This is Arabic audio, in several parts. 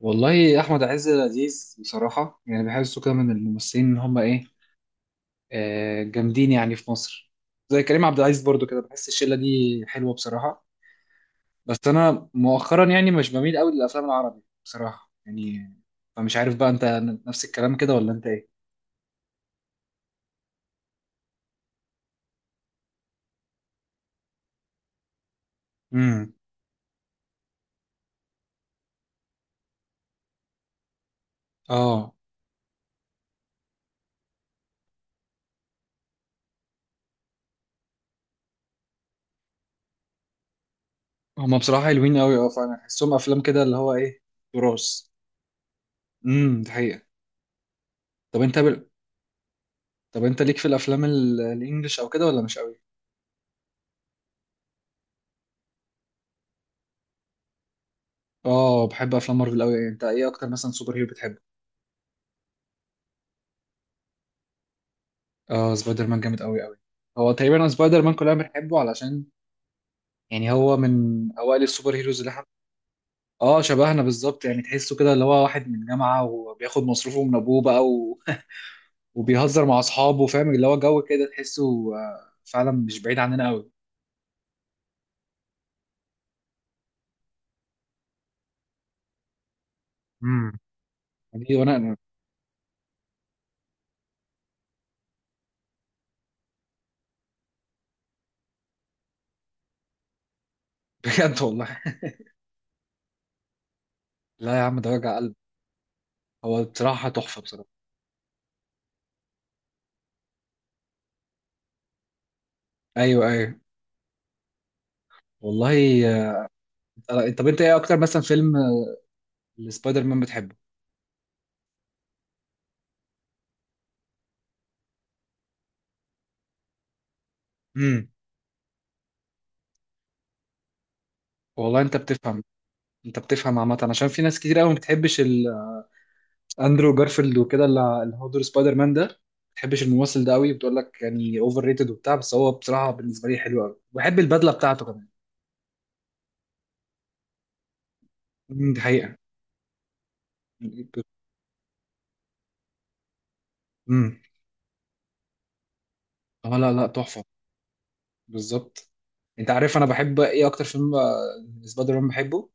والله احمد عز لذيذ بصراحه، يعني بحسه كده من الممثلين ان هم ايه، جامدين يعني في مصر. زي كريم عبد العزيز برضو كده، بحس الشله دي حلوه بصراحه. بس انا مؤخرا يعني مش بميل قوي للافلام العربي بصراحه يعني. فمش عارف بقى، انت نفس الكلام كده ولا انت ايه؟ امم. اه. هم بصراحه حلوين قوي، اه، فانا بحسهم افلام كده اللي هو ايه، تراث. امم. دي حقيقه. طب انت بل... طب انت ليك في الافلام الانجليش او كده، ولا مش قوي؟ اه، بحب افلام مارفل قوي. انت ايه اكتر مثلا سوبر هيرو بتحبه؟ اه، سبايدر مان جامد قوي قوي. هو تقريبا أنا سبايدر مان كلنا بنحبه، علشان يعني هو من اوائل السوبر هيروز اللي احنا. اه، شبهنا بالظبط يعني. تحسه كده اللي هو واحد من جامعة، وبياخد مصروفه من ابوه بقى وبيهزر مع اصحابه، فاهم اللي هو جو كده، تحسه فعلا مش بعيد عننا قوي. امم. دي وانا بجد والله. لا يا عم، ده وجع قلب. هو بصراحة تحفة بصراحة. ايوه، ايوه، والله. آه، طب انت ايه اكتر مثلا فيلم لسبايدر مان بتحبه؟ امم. والله انت بتفهم عامه، عشان في ناس كتير قوي ما بتحبش اندرو جارفيلد وكده، اللي هو دور سبايدر مان ده، ما بتحبش الممثل ده قوي. بتقول لك يعني اوفر ريتد وبتاع، بس هو بصراحه بالنسبه لي حلو قوي، بحب البدله بتاعته كمان. امم. دي حقيقه. امم. اه، لا لا، تحفه بالظبط. انت عارف انا بحب ايه اكتر فيلم سبايدر مان بحبه؟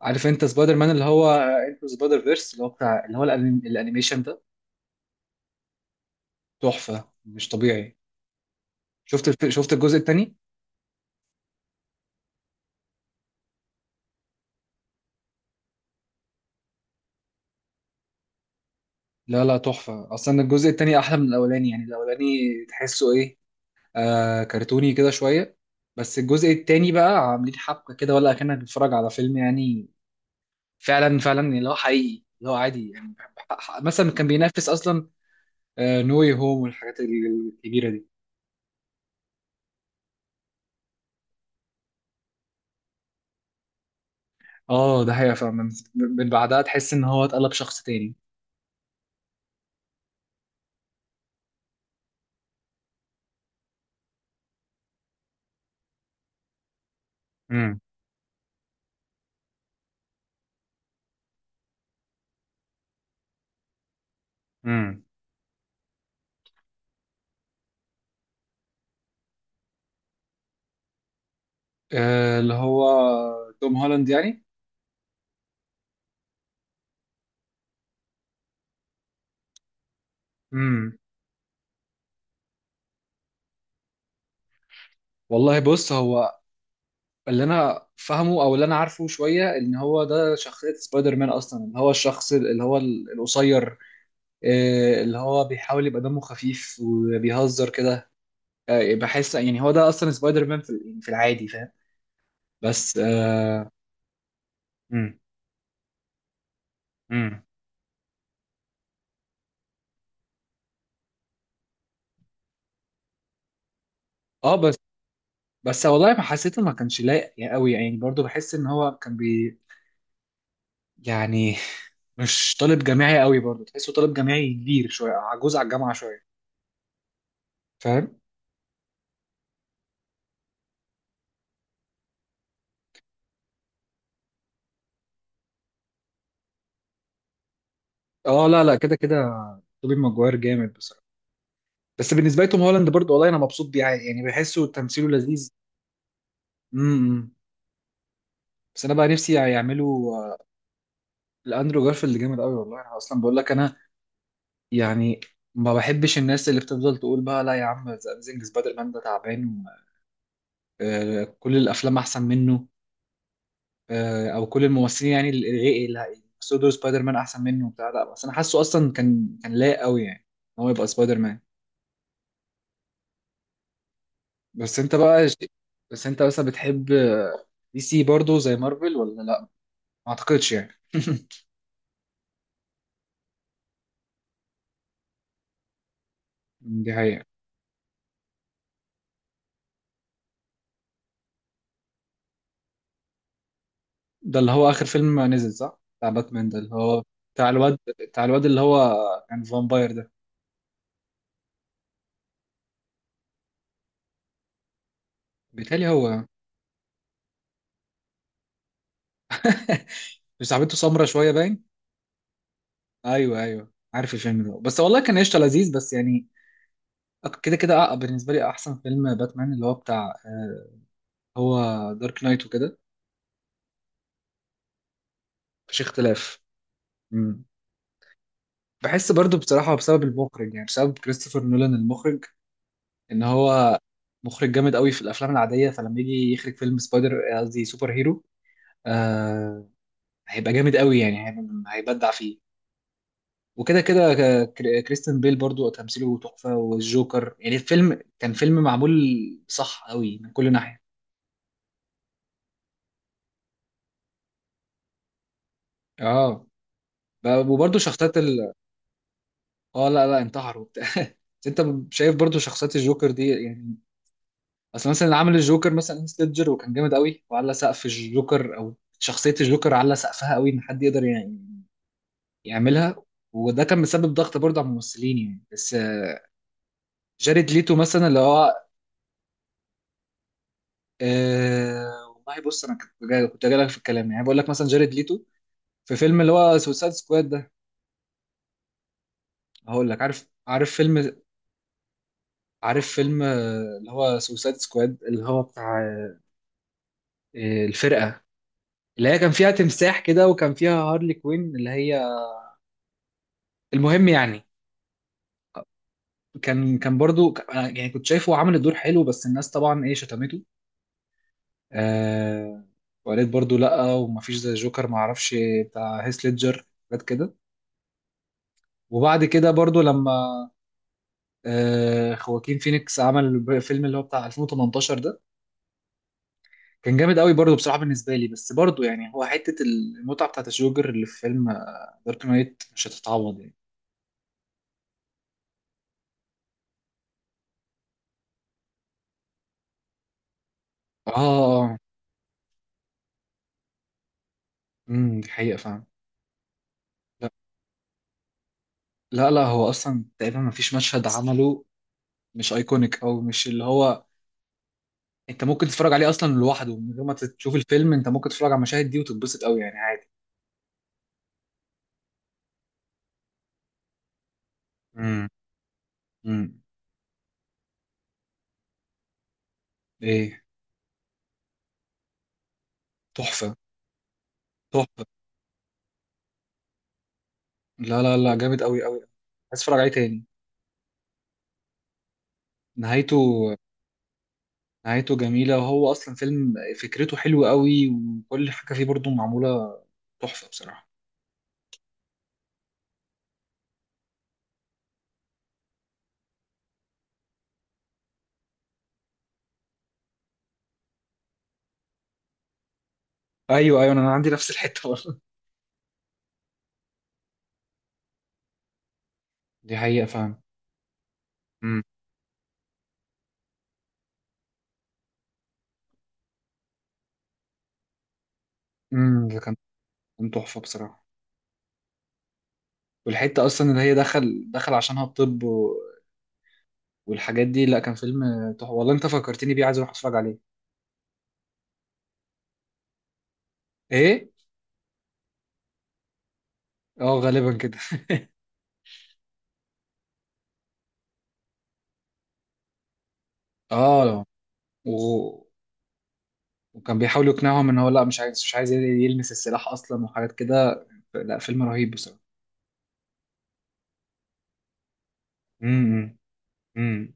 عارف انت سبايدر مان اللي هو انتو سبايدر فيرس، اللي هو بتاع اللي هو الانيميشن ده. تحفه مش طبيعي. شفت الجزء الثاني؟ لا لا، تحفة أصلا. الجزء التاني أحلى من الأولاني، يعني الأولاني تحسه إيه، كرتوني كده شوية، بس الجزء التاني بقى عاملين حبكة كده، ولا أكنك بتتفرج على فيلم يعني. فعلا فعلا اللي هو حقيقي، اللي هو عادي يعني. مثلا كان بينافس أصلا نو واي هوم والحاجات الكبيرة دي. اه، ده حقيقة فعلا. من بعدها تحس إن هو اتقلب شخص تاني. امم. امم. اللي هو توم هولاند يعني. امم. والله بص، هو اللي انا فاهمه او اللي انا عارفه شويه ان هو ده شخصيه سبايدر مان اصلا، اللي هو الشخص اللي هو القصير، اللي هو بيحاول يبقى دمه خفيف وبيهزر كده. بحس يعني هو ده اصلا سبايدر مان في يعني في العادي، فاهم؟ بس اه. مم. مم. آه، بس بس والله ما حسيته، ما كانش لايق قوي يعني. برضو بحس ان هو كان يعني مش طالب جامعي قوي برضو. تحسه طالب جامعي كبير شويه، عجوز على الجامعه شويه، فاهم. اه، لا لا، كده كده توبي ماجواير جامد بصراحه. بس بالنسبه لي توم هولاند برضه، والله انا مبسوط بيه عادي، يعني بحسه تمثيله لذيذ. امم. بس انا بقى نفسي يعملوا الاندرو جارفيلد جامد قوي. والله انا اصلا بقول لك، انا يعني ما بحبش الناس اللي بتفضل تقول بقى لا يا عم، ذا اميزنج سبايدر مان ده تعبان، كل الافلام احسن منه، او كل الممثلين يعني اللي سودو سبايدر مان احسن منه وبتاع. لا، بس انا حاسه اصلا كان لايق قوي يعني ان هو يبقى سبايدر مان. بس انت بقى بس انت بتحب دي سي برضه زي مارفل ولا لا؟ ما اعتقدش يعني. دي حقيقة. ده اللي هو آخر فيلم نزل صح؟ بتاع باتمان ده، اللي هو بتاع الواد اللي هو، كان فامباير ده؟ بيتهيألي هو مش صاحبته سمرة شوية باين؟ أيوه، أيوه، عارف الفيلم ده. بس والله كان قشطة لذيذ بس يعني. كده كده بالنسبة لي أحسن فيلم باتمان اللي هو بتاع هو دارك نايت وكده. مفيش اختلاف. مم. بحس برضو بصراحة بسبب المخرج، يعني بسبب كريستوفر نولان المخرج، إن هو مخرج جامد قوي في الأفلام العادية. فلما يجي يخرج فيلم سبايدر، قصدي سوبر هيرو، هيبقى جامد قوي يعني. هيبدع فيه. وكده كده كريستيان بيل برضو تمثيله تحفة، والجوكر يعني. الفيلم كان فيلم معمول صح قوي من كل ناحية. اه. وبرضو شخصيات اه، لا لا، انتحروا وبتاع بس انت شايف برضو شخصيات الجوكر دي يعني، اصل مثلا عمل الجوكر مثلا هيث ليدجر وكان جامد قوي. وعلى سقف الجوكر، او شخصية الجوكر، على سقفها قوي ان حد يقدر يعني يعملها. وده كان مسبب ضغط برضه على الممثلين يعني. بس جاريد ليتو مثلا اللي هو، أه. والله بص، انا كنت جاي لك في الكلام، يعني بقول لك مثلا جاريد ليتو في فيلم اللي هو سوسايد سكواد ده. هقول لك، عارف فيلم اللي هو سوسايد سكواد اللي هو بتاع الفرقه اللي هي كان فيها تمساح كده، وكان فيها هارلي كوين اللي هي. المهم يعني، كان برضو أنا يعني كنت شايفه عامل الدور حلو، بس الناس طبعا ايه شتمته. أه، وقالت برضو لا، ومفيش زي جوكر معرفش، بتاع هيث ليدجر حاجات كده. وبعد كده برضو لما خواكين فينيكس عمل فيلم اللي هو بتاع 2018 ده، كان جامد قوي برضه بصراحة بالنسبة لي. بس برضه يعني هو حتة المتعة بتاعت الجوكر اللي في فيلم دارك نايت مش هتتعوض يعني. اه. امم، دي حقيقة فعلا. لا لا لا، هو اصلا تقريبا ما فيش مشهد عمله مش ايكونيك، او مش اللي هو. انت ممكن تتفرج عليه اصلا لوحده من غير ما تشوف الفيلم. انت ممكن تتفرج على المشاهد دي وتتبسط قوي يعني عادي. امم. امم. ايه. تحفة، تحفة. لا لا لا، جامد قوي قوي. عايز اتفرج عليه تاني. نهايته نهايته جميلة، وهو أصلا فيلم فكرته حلوة قوي، وكل حاجة فيه برضو معمولة تحفة بصراحة. أيوه، أيوه، أنا عندي نفس الحتة برضه. دي حقيقة فعلا. امم. امم. ده كان تحفة بصراحة. والحتة أصلا اللي هي دخل عشانها الطب والحاجات دي. لا، كان فيلم تحفة والله. أنت فكرتني بيه، عايز أروح أتفرج عليه. إيه؟ أه، غالبا كده. أه، لا. و... وكان بيحاول يقنعهم إن هو لا، مش عايز يلمس السلاح أصلا وحاجات كده. لا فيلم رهيب بصراحة. امم. امم.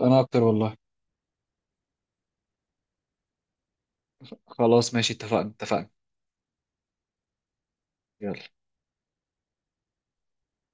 أنا أكتر والله. خلاص ماشي، اتفقنا، اتفقنا. يلا.